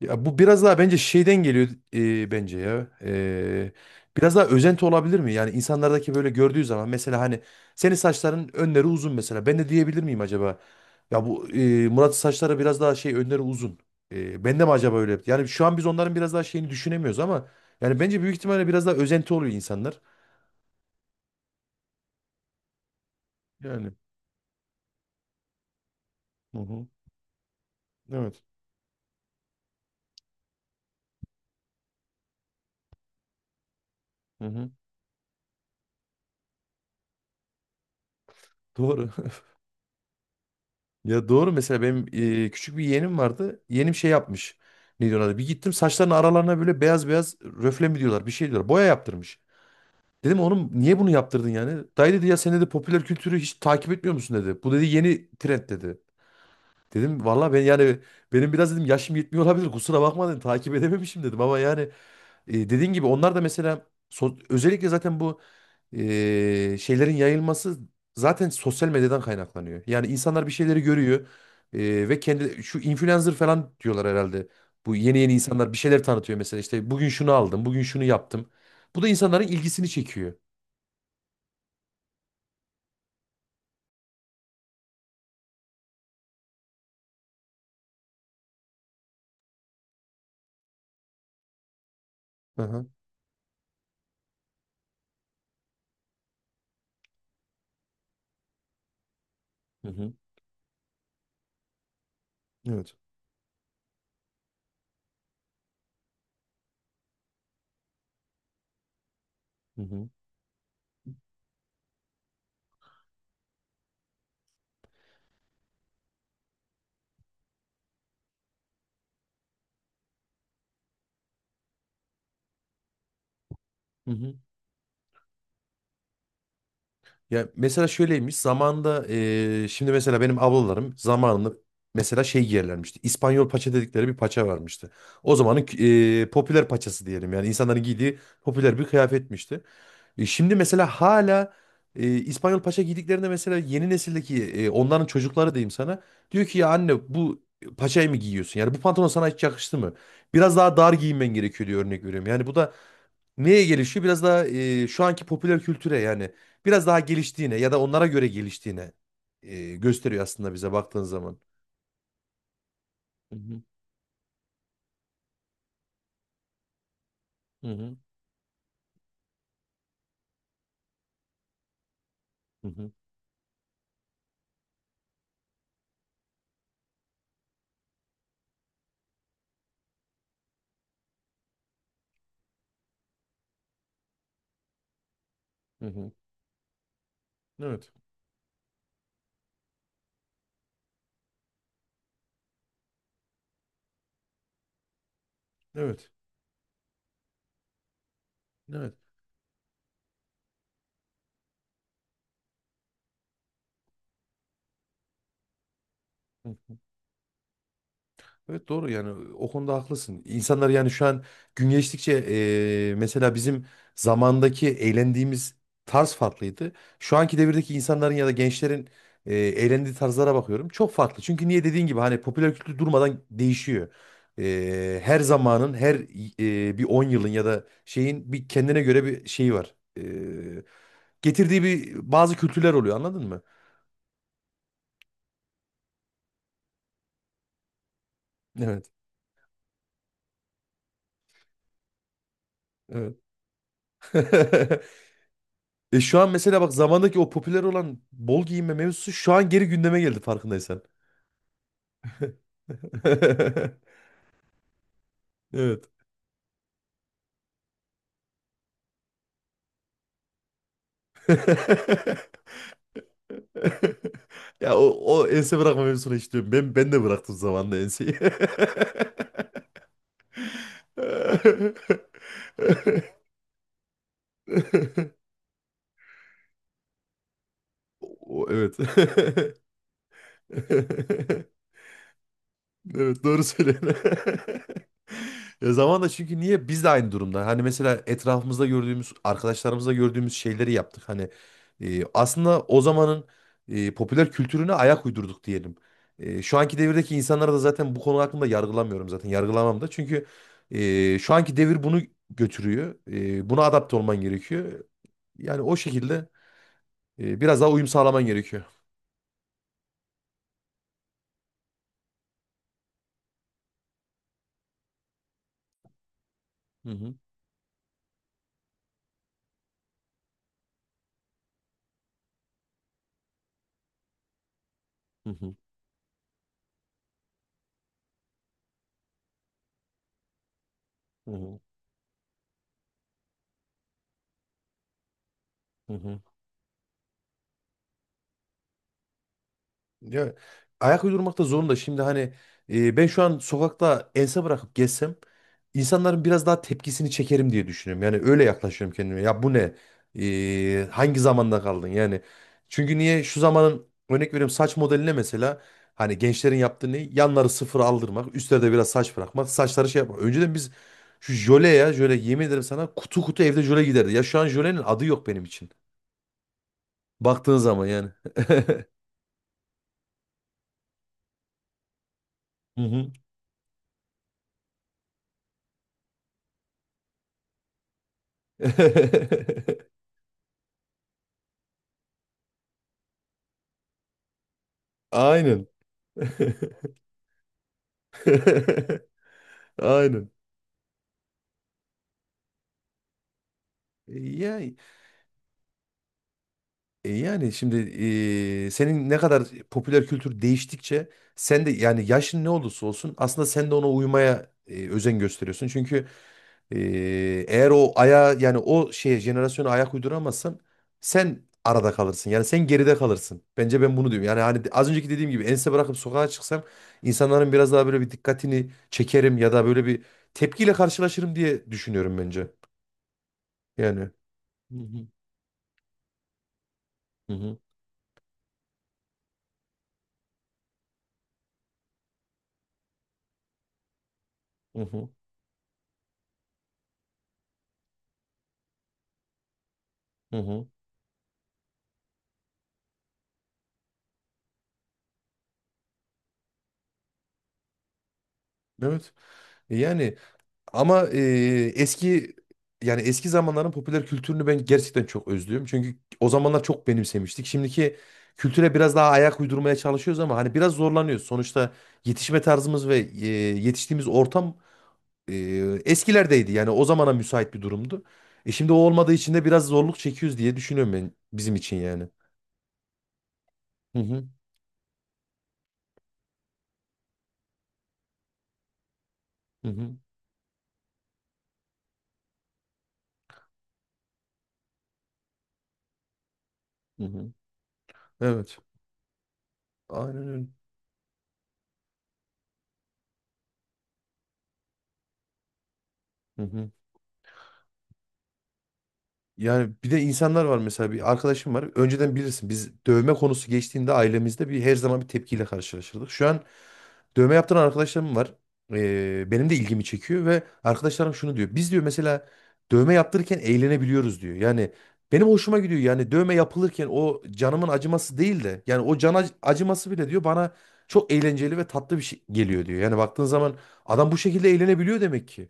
Ya bu biraz daha bence şeyden geliyor, bence ya. Biraz daha özenti olabilir mi? Yani insanlardaki böyle gördüğü zaman mesela hani senin saçların önleri uzun mesela. Ben de diyebilir miyim acaba? Ya bu Murat'ın saçları biraz daha şey önleri uzun. Ben de mi acaba öyle? Yani şu an biz onların biraz daha şeyini düşünemiyoruz ama yani bence büyük ihtimalle biraz daha özenti oluyor insanlar. Yani. Hı hı. Evet. Hı hı. Doğru. Ya doğru mesela benim küçük bir yeğenim vardı. Yeğenim şey yapmış. Ne diyorlar? Adı? Bir gittim saçlarının aralarına böyle beyaz beyaz röfle mi diyorlar bir şey diyorlar. Boya yaptırmış. Dedim oğlum niye bunu yaptırdın yani? Dayı dedi ya sen dedi popüler kültürü hiç takip etmiyor musun dedi. Bu dedi yeni trend dedi. Dedim valla ben yani benim biraz dedim yaşım yetmiyor olabilir kusura bakma dedim takip edememişim dedim ama yani dediğin gibi onlar da mesela özellikle zaten bu şeylerin yayılması zaten sosyal medyadan kaynaklanıyor. Yani insanlar bir şeyleri görüyor ve kendi şu influencer falan diyorlar herhalde. Bu yeni yeni insanlar bir şeyler tanıtıyor mesela işte bugün şunu aldım, bugün şunu yaptım. Bu da insanların ilgisini çekiyor. Aha. Hı hı. Evet. Hı hı. Hı hı. Ya mesela şöyleymiş zamanda şimdi mesela benim ablalarım zamanında mesela şey giyerlermişti. İspanyol paça dedikleri bir paça varmıştı. O zamanın popüler paçası diyelim yani insanların giydiği popüler bir kıyafetmişti. Şimdi mesela hala İspanyol paça giydiklerinde mesela yeni nesildeki onların çocukları diyeyim sana diyor ki ya anne bu paçayı mı giyiyorsun? Yani bu pantolon sana hiç yakıştı mı? Biraz daha dar giyinmen gerekiyor diyor örnek veriyorum. Yani bu da neye gelişiyor? Biraz daha şu anki popüler kültüre yani biraz daha geliştiğine ya da onlara göre geliştiğine gösteriyor aslında bize baktığın zaman. Hı hı, hı hı, hı hı, hı hı. Evet, evet, evet. Hı. Evet doğru yani o konuda haklısın. İnsanlar yani şu an gün geçtikçe mesela bizim zamandaki eğlendiğimiz tarz farklıydı. Şu anki devirdeki insanların ya da gençlerin eğlendiği tarzlara bakıyorum. Çok farklı. Çünkü niye dediğin gibi hani popüler kültür durmadan değişiyor. Her zamanın her bir 10 yılın ya da şeyin bir kendine göre bir şeyi var. Getirdiği bir bazı kültürler oluyor anladın mı? Evet. Evet. E şu an mesela bak zamandaki o popüler olan bol giyinme mevzusu şu an geri gündeme geldi farkındaysan. Evet. Ya o, o ense bırakma mevzusunu hiç diyorum. Ben de bıraktım zamanında enseyi. O, evet. Evet doğru söylüyorsun. Ya zamanla çünkü niye biz de aynı durumda. Hani mesela etrafımızda gördüğümüz, arkadaşlarımızda gördüğümüz şeyleri yaptık. Hani aslında o zamanın popüler kültürüne ayak uydurduk diyelim. Şu anki devirdeki insanlara da zaten bu konu hakkında yargılamıyorum zaten. Yargılamam da. Çünkü şu anki devir bunu götürüyor. Buna adapte olman gerekiyor. Yani o şekilde biraz daha uyum sağlaman gerekiyor. Hı hı. Hı hı. Hı hı. Hı hı. Ya, ayak uydurmakta zorunda. Şimdi hani ben şu an sokakta ense bırakıp gezsem insanların biraz daha tepkisini çekerim diye düşünüyorum. Yani öyle yaklaşıyorum kendime. Ya bu ne? Hangi zamanda kaldın? Yani çünkü niye şu zamanın örnek veriyorum saç modeline mesela hani gençlerin yaptığı ne? Yanları sıfır aldırmak, üstlerde biraz saç bırakmak, saçları şey yapmak. Önceden biz şu jöle ya jöle yemin ederim sana kutu kutu evde jöle giderdi. Ya şu an jölenin adı yok benim için. Baktığın zaman yani. Hı hı. Aynen. Aynen. Ya, yani şimdi senin ne kadar popüler kültür değiştikçe sen de yani yaşın ne olursa olsun aslında sen de ona uymaya özen gösteriyorsun. Çünkü e, eğer o aya yani o şeye jenerasyona ayak uyduramazsan sen arada kalırsın. Yani sen geride kalırsın. Bence ben bunu diyorum. Yani hani az önceki dediğim gibi ense bırakıp sokağa çıksam insanların biraz daha böyle bir dikkatini çekerim ya da böyle bir tepkiyle karşılaşırım diye düşünüyorum bence. Yani. Hı hı. Hı hı. Hı hı. Hı hı. Evet. Yani ama eski yani eski zamanların popüler kültürünü ben gerçekten çok özlüyorum. Çünkü o zamanlar çok benimsemiştik. Şimdiki kültüre biraz daha ayak uydurmaya çalışıyoruz ama hani biraz zorlanıyoruz. Sonuçta yetişme tarzımız ve yetiştiğimiz ortam e, eskilerdeydi. Yani o zamana müsait bir durumdu. E şimdi o olmadığı için de biraz zorluk çekiyoruz diye düşünüyorum ben bizim için yani. Hı hı. Hı hı. Hı hı. Evet. Aynen öyle. Hı hı. Yani bir de insanlar var mesela bir arkadaşım var. Önceden bilirsin biz dövme konusu geçtiğinde ailemizde bir her zaman bir tepkiyle karşılaşırdık. Şu an dövme yaptıran arkadaşlarım var. Benim de ilgimi çekiyor ve arkadaşlarım şunu diyor. Biz diyor mesela dövme yaptırırken eğlenebiliyoruz diyor. Yani benim hoşuma gidiyor. Yani dövme yapılırken o canımın acıması değil de yani o can acıması bile diyor bana çok eğlenceli ve tatlı bir şey geliyor diyor. Yani baktığın zaman adam bu şekilde eğlenebiliyor demek ki.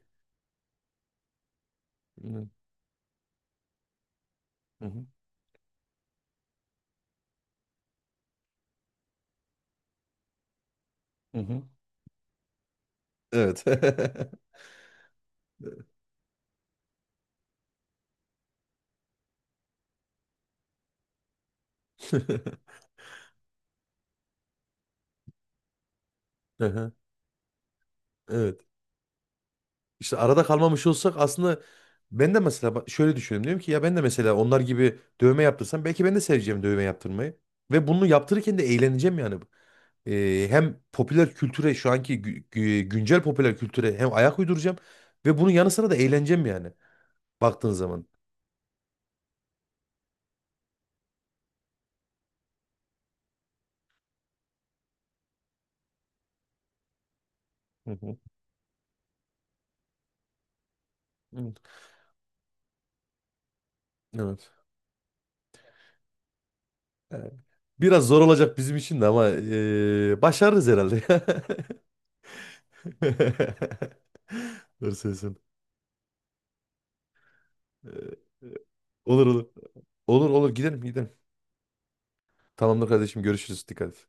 Hı hı. Hı hı. Evet. Aha, evet. İşte arada kalmamış olsak aslında ben de mesela bak şöyle düşünüyorum. Diyorum ki ya ben de mesela onlar gibi dövme yaptırsam belki ben de seveceğim dövme yaptırmayı. Ve bunu yaptırırken de eğleneceğim yani. Hem popüler kültüre şu anki güncel popüler kültüre hem ayak uyduracağım ve bunun yanı sıra da eğleneceğim yani baktığın zaman. Hı hı. Hı. Evet. Evet. Biraz zor olacak bizim için de ama başarırız herhalde. Doğru söylüyorsun. Ee, e, Olur olur. Olur olur gidelim gidelim. Tamamdır kardeşim görüşürüz. Dikkat et.